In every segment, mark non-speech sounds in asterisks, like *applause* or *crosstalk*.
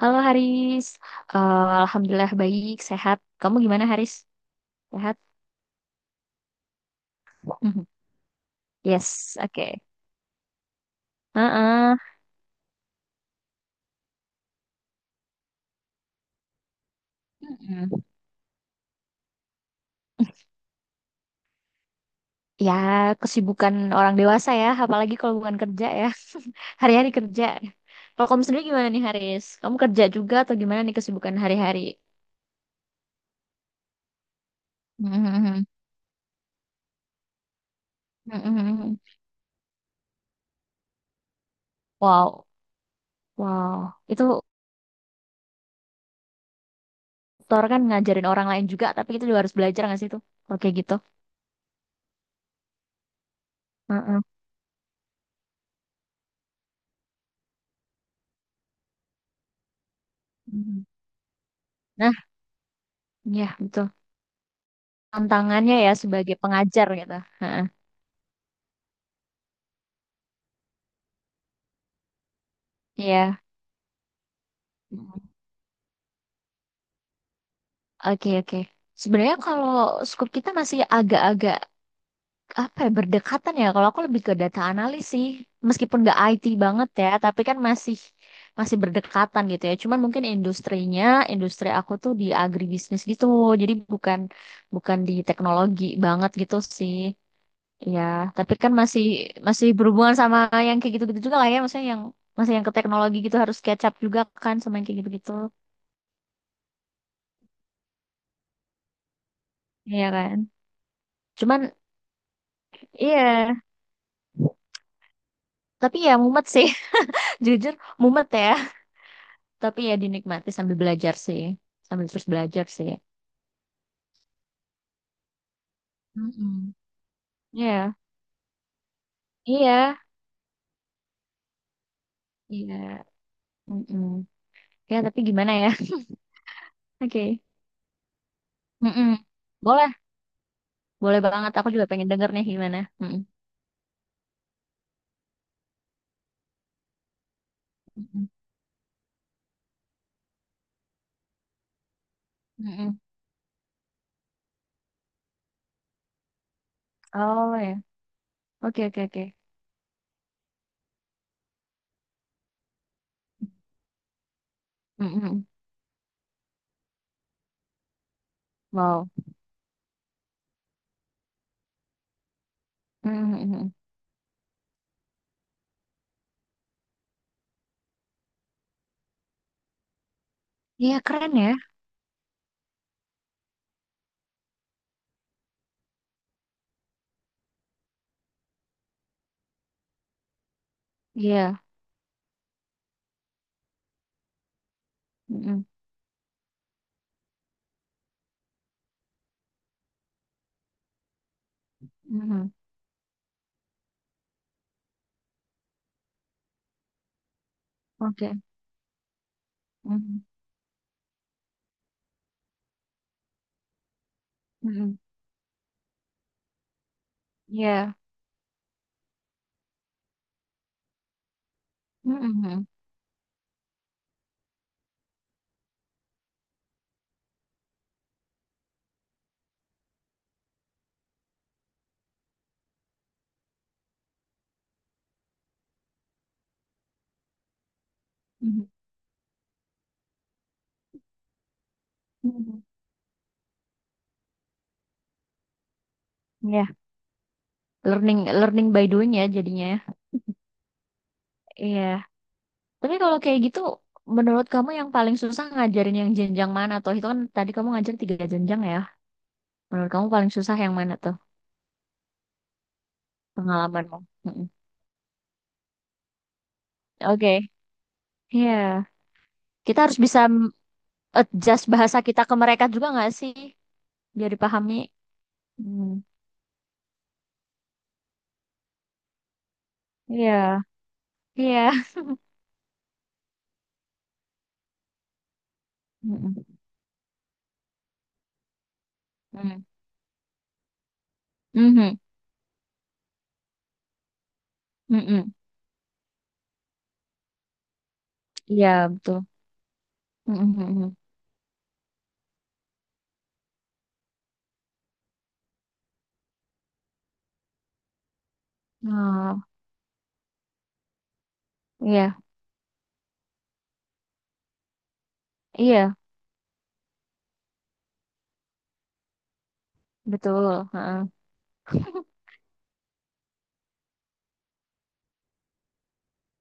Halo Haris, Alhamdulillah baik, sehat. Kamu gimana Haris? Sehat? Mhm. Yes, oke. Heeh. Mhm. Ya, kesibukan orang dewasa ya, apalagi kalau bukan kerja ya. *laughs* Hari-hari kerja. Kalau kamu sendiri gimana nih Haris? Kamu kerja juga atau gimana nih kesibukan hari-hari? Mhm. Mhm. Wow, wow. Itu tutor kan ngajarin orang lain juga, tapi itu juga harus belajar nggak sih itu? Oke gitu. Heeh. Mhm. Nah, ya betul. Tantangannya ya sebagai pengajar gitu. Heeh. Iya. Mm. Oke, oke. Sebenarnya kalau scoop kita masih agak-agak apa ya berdekatan ya. Kalau aku lebih ke data analis sih. Meskipun nggak IT banget ya, tapi kan masih masih berdekatan gitu ya. Cuman mungkin industrinya, industri aku tuh di agribisnis gitu. Jadi bukan bukan di teknologi banget gitu sih. Iya, tapi kan masih masih berhubungan sama yang kayak gitu-gitu juga lah ya, maksudnya yang masih yang ke teknologi gitu harus catch up juga kan sama yang kayak gitu-gitu. Iya kan? Cuman iya, tapi ya mumet sih. *laughs* Jujur mumet ya, tapi ya dinikmati sambil belajar sih. Sambil terus belajar sih. Mm-mm. Iya, iya, iya. Mm-mm. Ya, tapi gimana ya? *laughs* Oke. Mm-mm. Boleh, boleh banget. Aku juga pengen denger nih gimana. Mm-mm. Mm-mm. Mm-mm. Oh ya. Oke, oke, oke. Mm-mm. Wow. Mhm, mhm, mhm. Iya keren ya. Iya. Mhm, mhm. Oke. Mhm, mhm. Iya. Mhm, mhm, mhm, mhm. Iya. Learning learning by doing ya jadinya. Iya. Tapi kalau kayak gitu, menurut kamu yang paling susah ngajarin yang jenjang mana? Tuh itu kan tadi kamu ngajar tiga jenjang ya. Menurut kamu paling susah yang mana tuh pengalamanmu? Mhm. Oke. Iya. Kita harus bisa adjust bahasa kita ke mereka juga nggak sih? Biar dipahami. Hmm. Iya. Iya. Mhm, mhm, mhm, mhm. Iya betul. Mhm, mhm. Oh iya iya betul. Heeh. *laughs*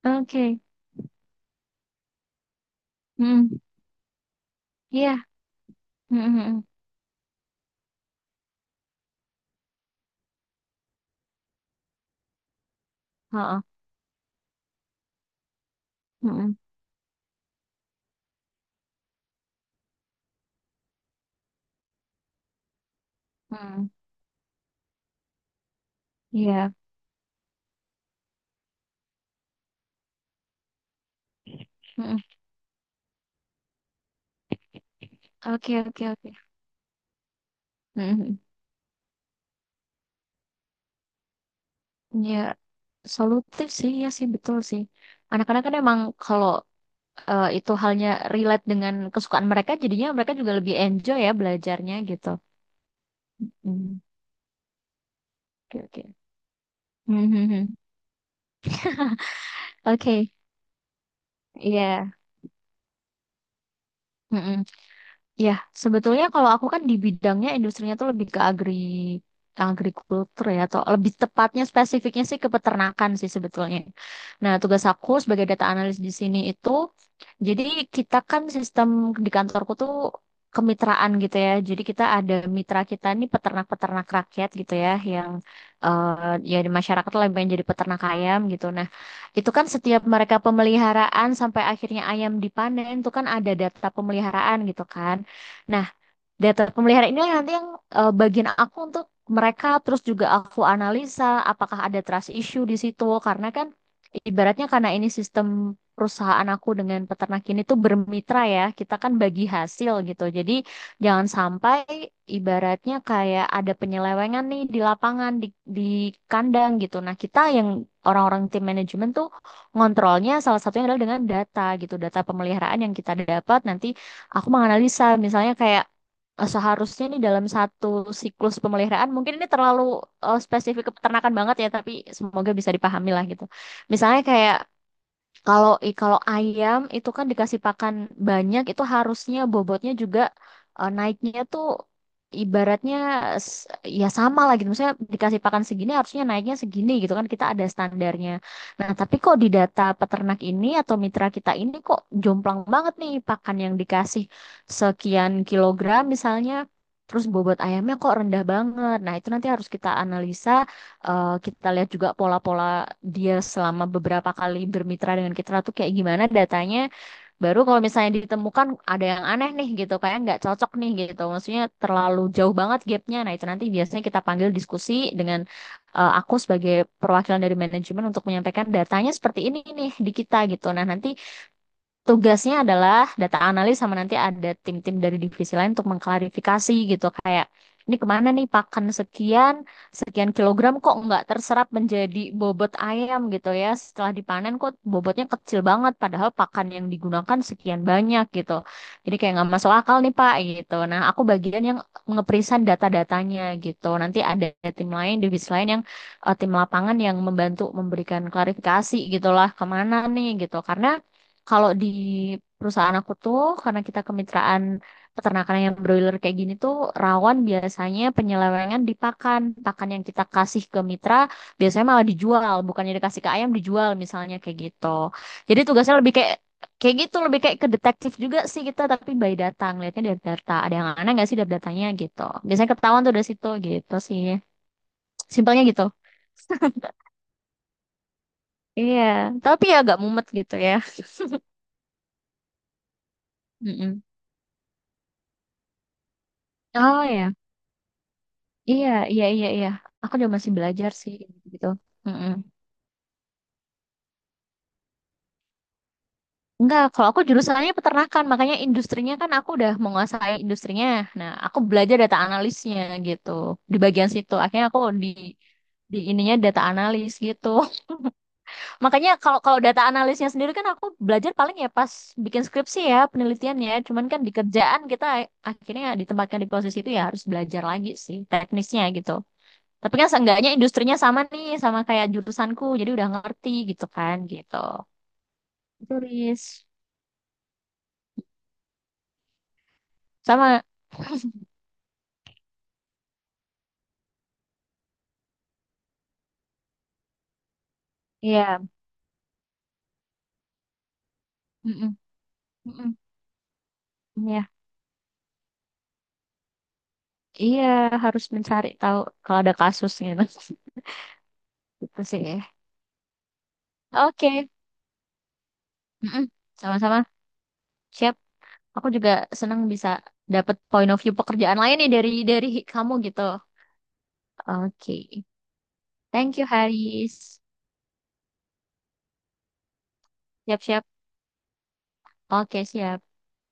Oke. Mhm. Iya. Mhm, mhm. Heeh. Mhm, mhm. Iya. Mhm. Oke oke oke. Mhm. Ya, solutif sih ya sih betul sih. Anak-anak kan emang kalau itu halnya relate dengan kesukaan mereka, jadinya mereka juga lebih enjoy ya belajarnya gitu. Mhm. Oke oke. Mhm, mhm. Oke. Iya. Mhm. Ya, sebetulnya kalau aku kan di bidangnya industrinya tuh lebih ke agri agrikultur ya atau lebih tepatnya spesifiknya sih ke peternakan sih sebetulnya. Nah, tugas aku sebagai data analis di sini itu jadi kita kan sistem di kantorku tuh kemitraan gitu ya. Jadi kita ada mitra kita nih peternak-peternak rakyat gitu ya yang eh, ya di masyarakat lah yang pengen jadi peternak ayam gitu. Nah, itu kan setiap mereka pemeliharaan sampai akhirnya ayam dipanen itu kan ada data pemeliharaan gitu kan. Nah, data pemeliharaan ini nanti yang bagian aku untuk mereka terus juga aku analisa apakah ada trust issue di situ karena kan ibaratnya karena ini sistem perusahaan aku dengan peternak ini tuh bermitra ya, kita kan bagi hasil gitu. Jadi jangan sampai ibaratnya kayak ada penyelewengan nih di lapangan di kandang gitu. Nah, kita yang orang-orang tim manajemen tuh ngontrolnya salah satunya adalah dengan data gitu, data pemeliharaan yang kita dapat nanti aku menganalisa misalnya kayak seharusnya nih dalam satu siklus pemeliharaan mungkin ini terlalu spesifik ke peternakan banget ya tapi semoga bisa dipahami lah gitu. Misalnya kayak kalau kalau ayam itu kan dikasih pakan banyak itu harusnya bobotnya juga naiknya tuh ibaratnya s- ya sama lah gitu. Misalnya dikasih pakan segini harusnya naiknya segini gitu kan kita ada standarnya. Nah, tapi kok di data peternak ini atau mitra kita ini kok jomplang banget nih pakan yang dikasih sekian kilogram misalnya terus bobot ayamnya kok rendah banget. Nah, itu nanti harus kita analisa kita lihat juga pola-pola dia selama beberapa kali bermitra dengan kita tuh kayak gimana datanya. Baru kalau misalnya ditemukan ada yang aneh nih gitu, kayak nggak cocok nih gitu. Maksudnya terlalu jauh banget gapnya. Nah itu nanti biasanya kita panggil diskusi dengan aku sebagai perwakilan dari manajemen untuk menyampaikan datanya seperti ini nih di kita gitu. Nah nanti tugasnya adalah data analis sama nanti ada tim-tim dari divisi lain untuk mengklarifikasi gitu kayak ini kemana nih pakan sekian sekian kilogram kok nggak terserap menjadi bobot ayam gitu ya setelah dipanen kok bobotnya kecil banget padahal pakan yang digunakan sekian banyak gitu jadi kayak nggak masuk akal nih Pak gitu nah aku bagian yang ngeprisan data-datanya gitu nanti ada tim lain divisi lain yang tim lapangan yang membantu memberikan klarifikasi gitulah kemana nih gitu karena kalau di perusahaan aku tuh, karena kita kemitraan peternakan yang broiler kayak gini tuh, rawan biasanya penyelewengan di pakan. Pakan yang kita kasih ke mitra biasanya malah dijual, bukannya dikasih ke ayam dijual misalnya kayak gitu. Jadi tugasnya lebih kayak kayak gitu, lebih kayak ke detektif juga sih kita, tapi by data, ngeliatnya dari data. Ada yang aneh nggak sih dari datanya gitu. Biasanya ketahuan tuh dari situ gitu sih. Simpelnya gitu. *laughs* Iya, tapi ya agak mumet gitu ya. Mm-mm. Oh ya. Iya, iya, iya, iya. Aku juga masih belajar sih gitu. Mm-mm. Enggak, kalau aku jurusannya peternakan, makanya industrinya kan aku udah menguasai industrinya. Nah, aku belajar data analisnya gitu. Di bagian situ akhirnya aku di ininya data analis gitu. *laughs* Makanya kalau kalau data analisnya sendiri kan aku belajar paling ya pas bikin skripsi ya, penelitian ya. Cuman kan di kerjaan kita akhirnya ditempatkan di posisi itu ya harus belajar lagi sih teknisnya gitu. Tapi kan seenggaknya industrinya sama nih, sama kayak jurusanku. Jadi udah ngerti gitu kan, gitu. Turis. Sama, iya. Mm-mm, mm-mm, iya, iya harus mencari tahu kalau ada kasus gitu. *laughs* Gitu sih, ya. Oke. Mm-mm, sama-sama. Siap. Aku juga senang bisa dapat point of view pekerjaan lain nih dari kamu gitu. Oke. Thank you, Haris. Siap-siap. Oke, siap.